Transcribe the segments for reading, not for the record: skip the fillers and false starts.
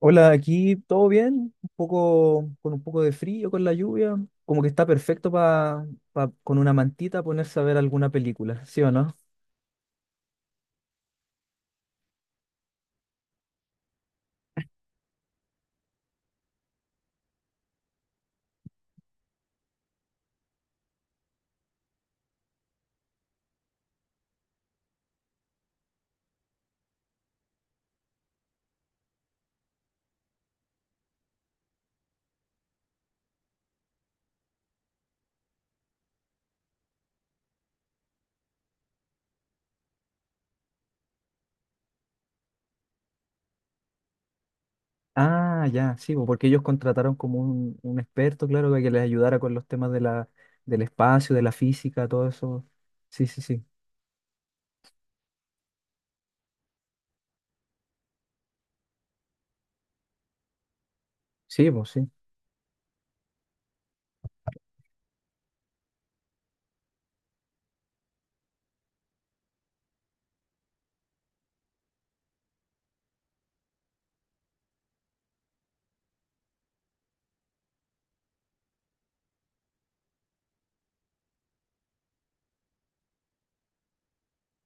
Hola, aquí todo bien, un poco con un poco de frío, con la lluvia, como que está perfecto para con una mantita ponerse a ver alguna película, ¿sí o no? Ah, ya, sí, bo, porque ellos contrataron como un experto, claro, para que les ayudara con los temas de la, del espacio, de la física, todo eso. Sí, sí, sí. Sí, pues sí.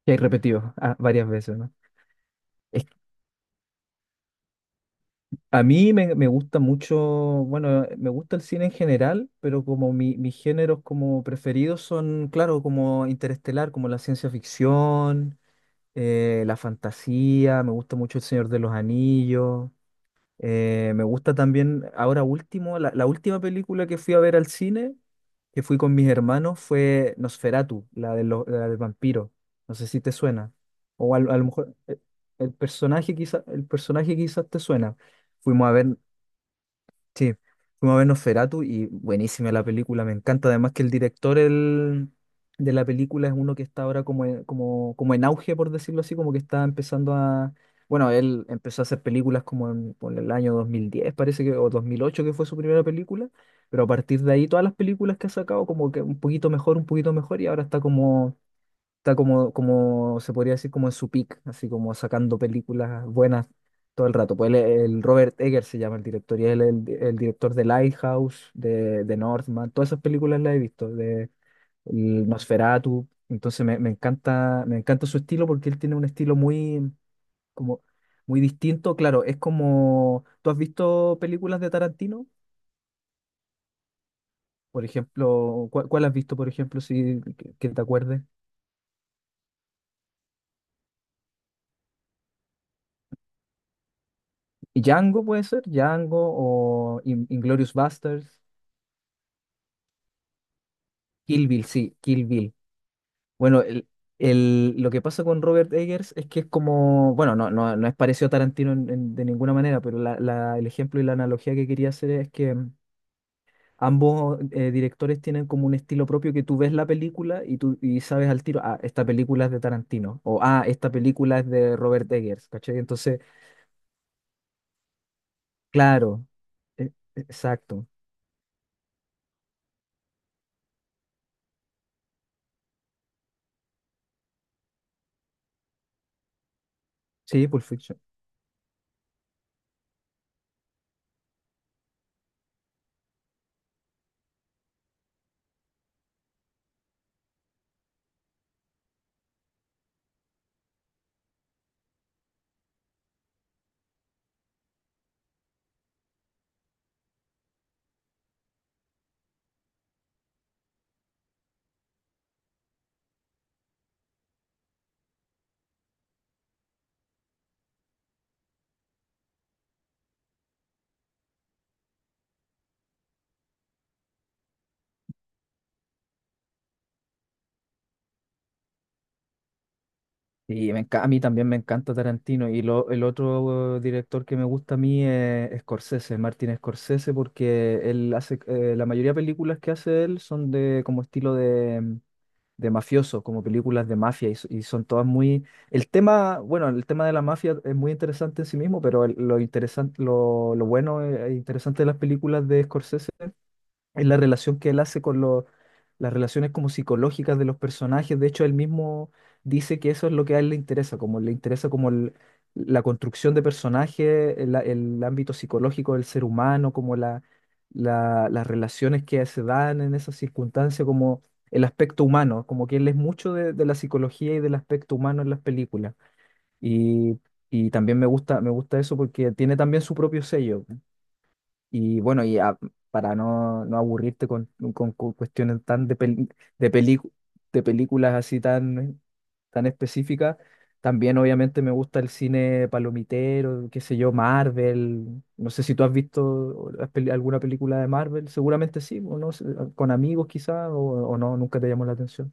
Que hay repetido varias veces, ¿no? Es A mí me gusta mucho, bueno, me gusta el cine en general, pero como mis géneros como preferidos son, claro, como Interestelar, como la ciencia ficción, la fantasía, me gusta mucho El Señor de los Anillos, me gusta también, ahora último, la última película que fui a ver al cine, que fui con mis hermanos, fue Nosferatu, la del vampiro, no sé si te suena, o a lo mejor, el el personaje quizás te suena. Fuimos a ver Sí, fuimos a ver Nosferatu y buenísima la película, me encanta. Además que el director de la película es uno que está ahora como en auge, por decirlo así, como que está empezando a... Bueno, él empezó a hacer películas como por el año 2010, parece que, o 2008 que fue su primera película, pero a partir de ahí todas las películas que ha sacado como que un poquito mejor, y ahora está como, como se podría decir, como en su peak, así como sacando películas buenas todo el rato. Pues él el Robert Eggers se llama el director y él es el director de Lighthouse, de Northman, todas esas películas las he visto, de el Nosferatu. Entonces me encanta su estilo porque él tiene un estilo muy, como, muy distinto. Claro, es como, ¿tú has visto películas de Tarantino? Por ejemplo, ¿cuál has visto, por ejemplo, si que te acuerdes? Y Django puede ser, Django o Inglourious Basterds, Kill Bill, sí, Kill Bill. Bueno, lo que pasa con Robert Eggers es que es como, bueno, no, no, no es parecido a Tarantino de ninguna manera, pero el ejemplo y la analogía que quería hacer es que ambos directores tienen como un estilo propio que tú ves la película y tú y sabes al tiro, ah, esta película es de Tarantino, o ah, esta película es de Robert Eggers, ¿cachai? Entonces, claro, e- exacto, sí, Pulp Fiction. Y a mí también me encanta Tarantino. Y el otro director que me gusta a mí es Scorsese, Martin Scorsese, porque él hace, la mayoría de películas que hace él son de como estilo de, de mafioso, como películas de mafia, y, y son todas muy... El tema, bueno, el tema de la mafia es muy interesante en sí mismo, pero lo interesante, lo bueno e interesante de las películas de Scorsese en la relación que él hace con las relaciones como psicológicas de los personajes. De hecho, él mismo dice que eso es lo que a él le interesa como la construcción de personajes, el ámbito psicológico del ser humano, como las relaciones que se dan en esas circunstancias, como el aspecto humano, como que él es mucho de la psicología y del aspecto humano en las películas. Y, y también me gusta, eso porque tiene también su propio sello. Y bueno, para no, no aburrirte con cuestiones tan de, peli- de, pelicu- de películas así tan, tan específicas, también obviamente me gusta el cine palomitero, qué sé yo, Marvel. No sé si tú has visto alguna película de Marvel, seguramente sí, o no, sé, con amigos quizás, o no, nunca te llamó la atención.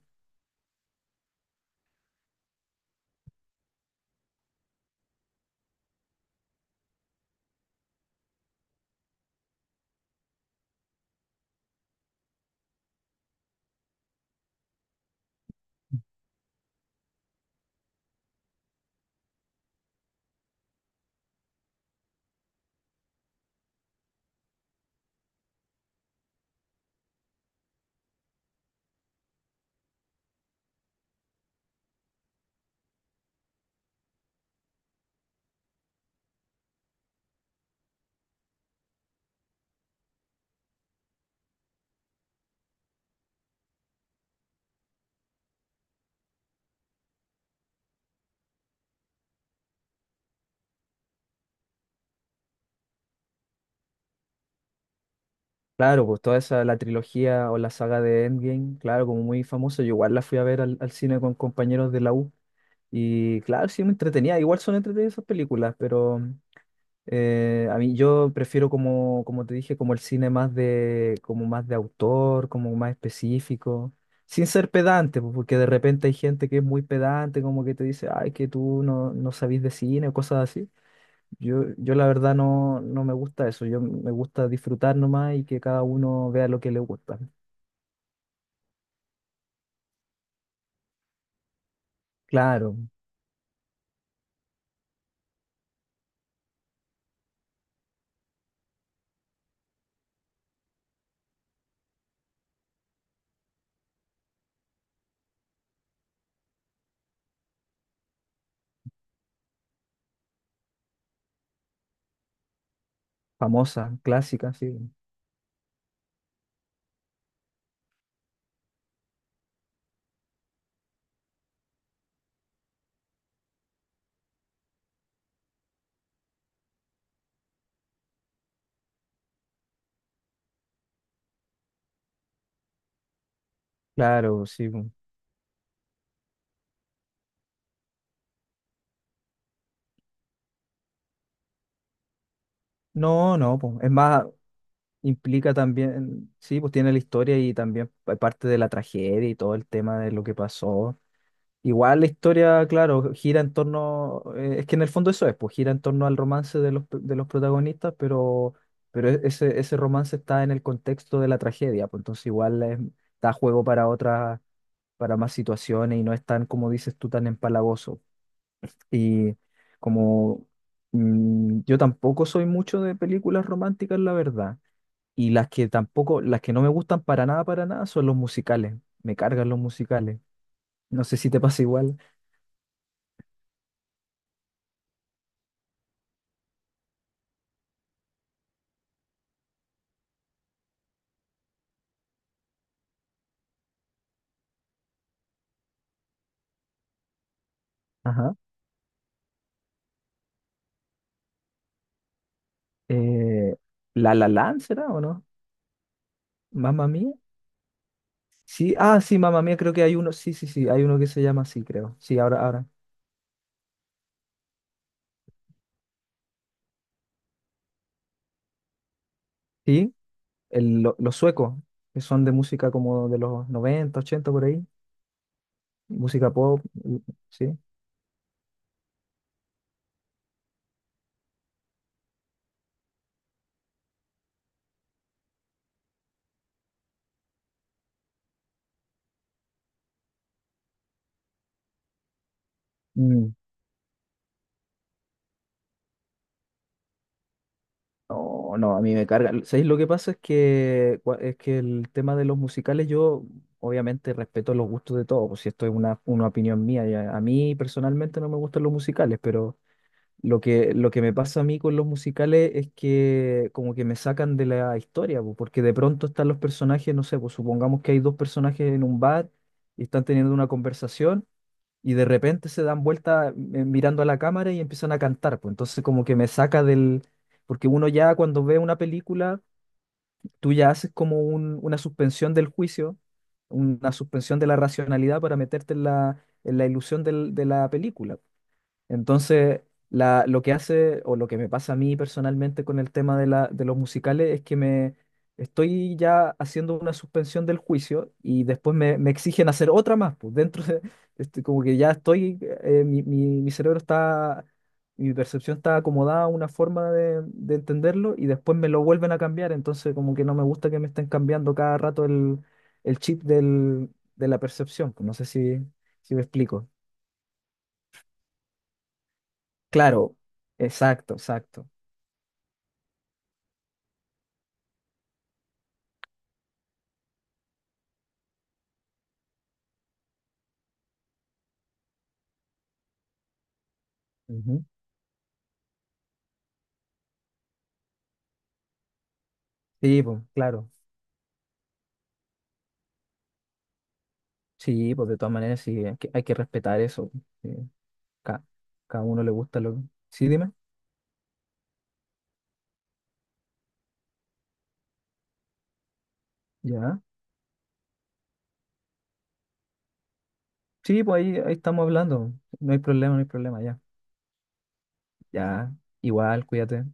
Claro, pues toda esa, la trilogía o la saga de Endgame, claro, como muy famosa, yo igual la fui a ver al cine con compañeros de la U. Y claro, sí, me entretenía. Igual son entretenidas esas películas, pero a mí yo prefiero como, te dije, como el cine más de, como más de autor, como más específico, sin ser pedante, pues, porque de repente hay gente que es muy pedante, como que te dice, ay, que tú no, no sabís de cine o cosas así. Yo la verdad no, no me gusta eso. Yo me gusta disfrutar nomás y que cada uno vea lo que le gusta. Claro, famosa, clásica, sí. Claro, sí, pues. No, no, pues. Es más, implica también, sí, pues tiene la historia y también parte de la tragedia y todo el tema de lo que pasó. Igual la historia, claro, gira en torno, es que en el fondo eso es, pues gira en torno al romance de los, de los protagonistas, pero ese romance está en el contexto de la tragedia, pues entonces da juego para otras, para más situaciones y no es tan, como dices tú, tan empalagoso. Y como, yo tampoco soy mucho de películas románticas, la verdad. Y las que tampoco, las que no me gustan para nada, son los musicales. Me cargan los musicales. No sé si te pasa igual. Ajá. Eh, La La Land, ¿será o no? Mamma Mía. Sí, ah, sí, Mamma Mía, creo que hay uno. Sí, sí, sí, hay uno que se llama así, creo. Sí, ahora, ahora. Sí, los suecos, que son de música como de los 90 80 por ahí. Música pop, sí. Mm. No, no, a mí me carga. ¿Sabéis lo que pasa? Es que, es que el tema de los musicales, yo obviamente respeto los gustos de todos, pues si esto es una opinión mía. A mí personalmente no me gustan los musicales, pero lo que me pasa a mí con los musicales es que como que me sacan de la historia, pues, porque de pronto están los personajes, no sé, pues supongamos que hay dos personajes en un bar y están teniendo una conversación y de repente se dan vuelta mirando a la cámara y empiezan a cantar, pues entonces como que me saca del... Porque uno ya cuando ve una película, tú ya haces como una suspensión del juicio, una suspensión de la racionalidad para meterte en la ilusión de la película. Entonces, lo que hace o lo que me pasa a mí personalmente con el tema de los musicales es que me estoy ya haciendo una suspensión del juicio y después me exigen hacer otra más. Pues dentro de, este, como que ya estoy, mi cerebro está, mi percepción está acomodada a una forma de entenderlo y después me lo vuelven a cambiar. Entonces, como que no me gusta que me estén cambiando cada rato el chip de la percepción, pues. No sé si me explico. Claro, exacto, exacto. Ujú. Sí, pues, claro. Sí, pues de todas maneras sí, hay que respetar eso. Sí. Ca- Cada uno le gusta lo que... Sí, dime. Ya. Sí, pues ahí estamos hablando. No hay problema, no hay problema, ya. Ya. Igual, cuídate.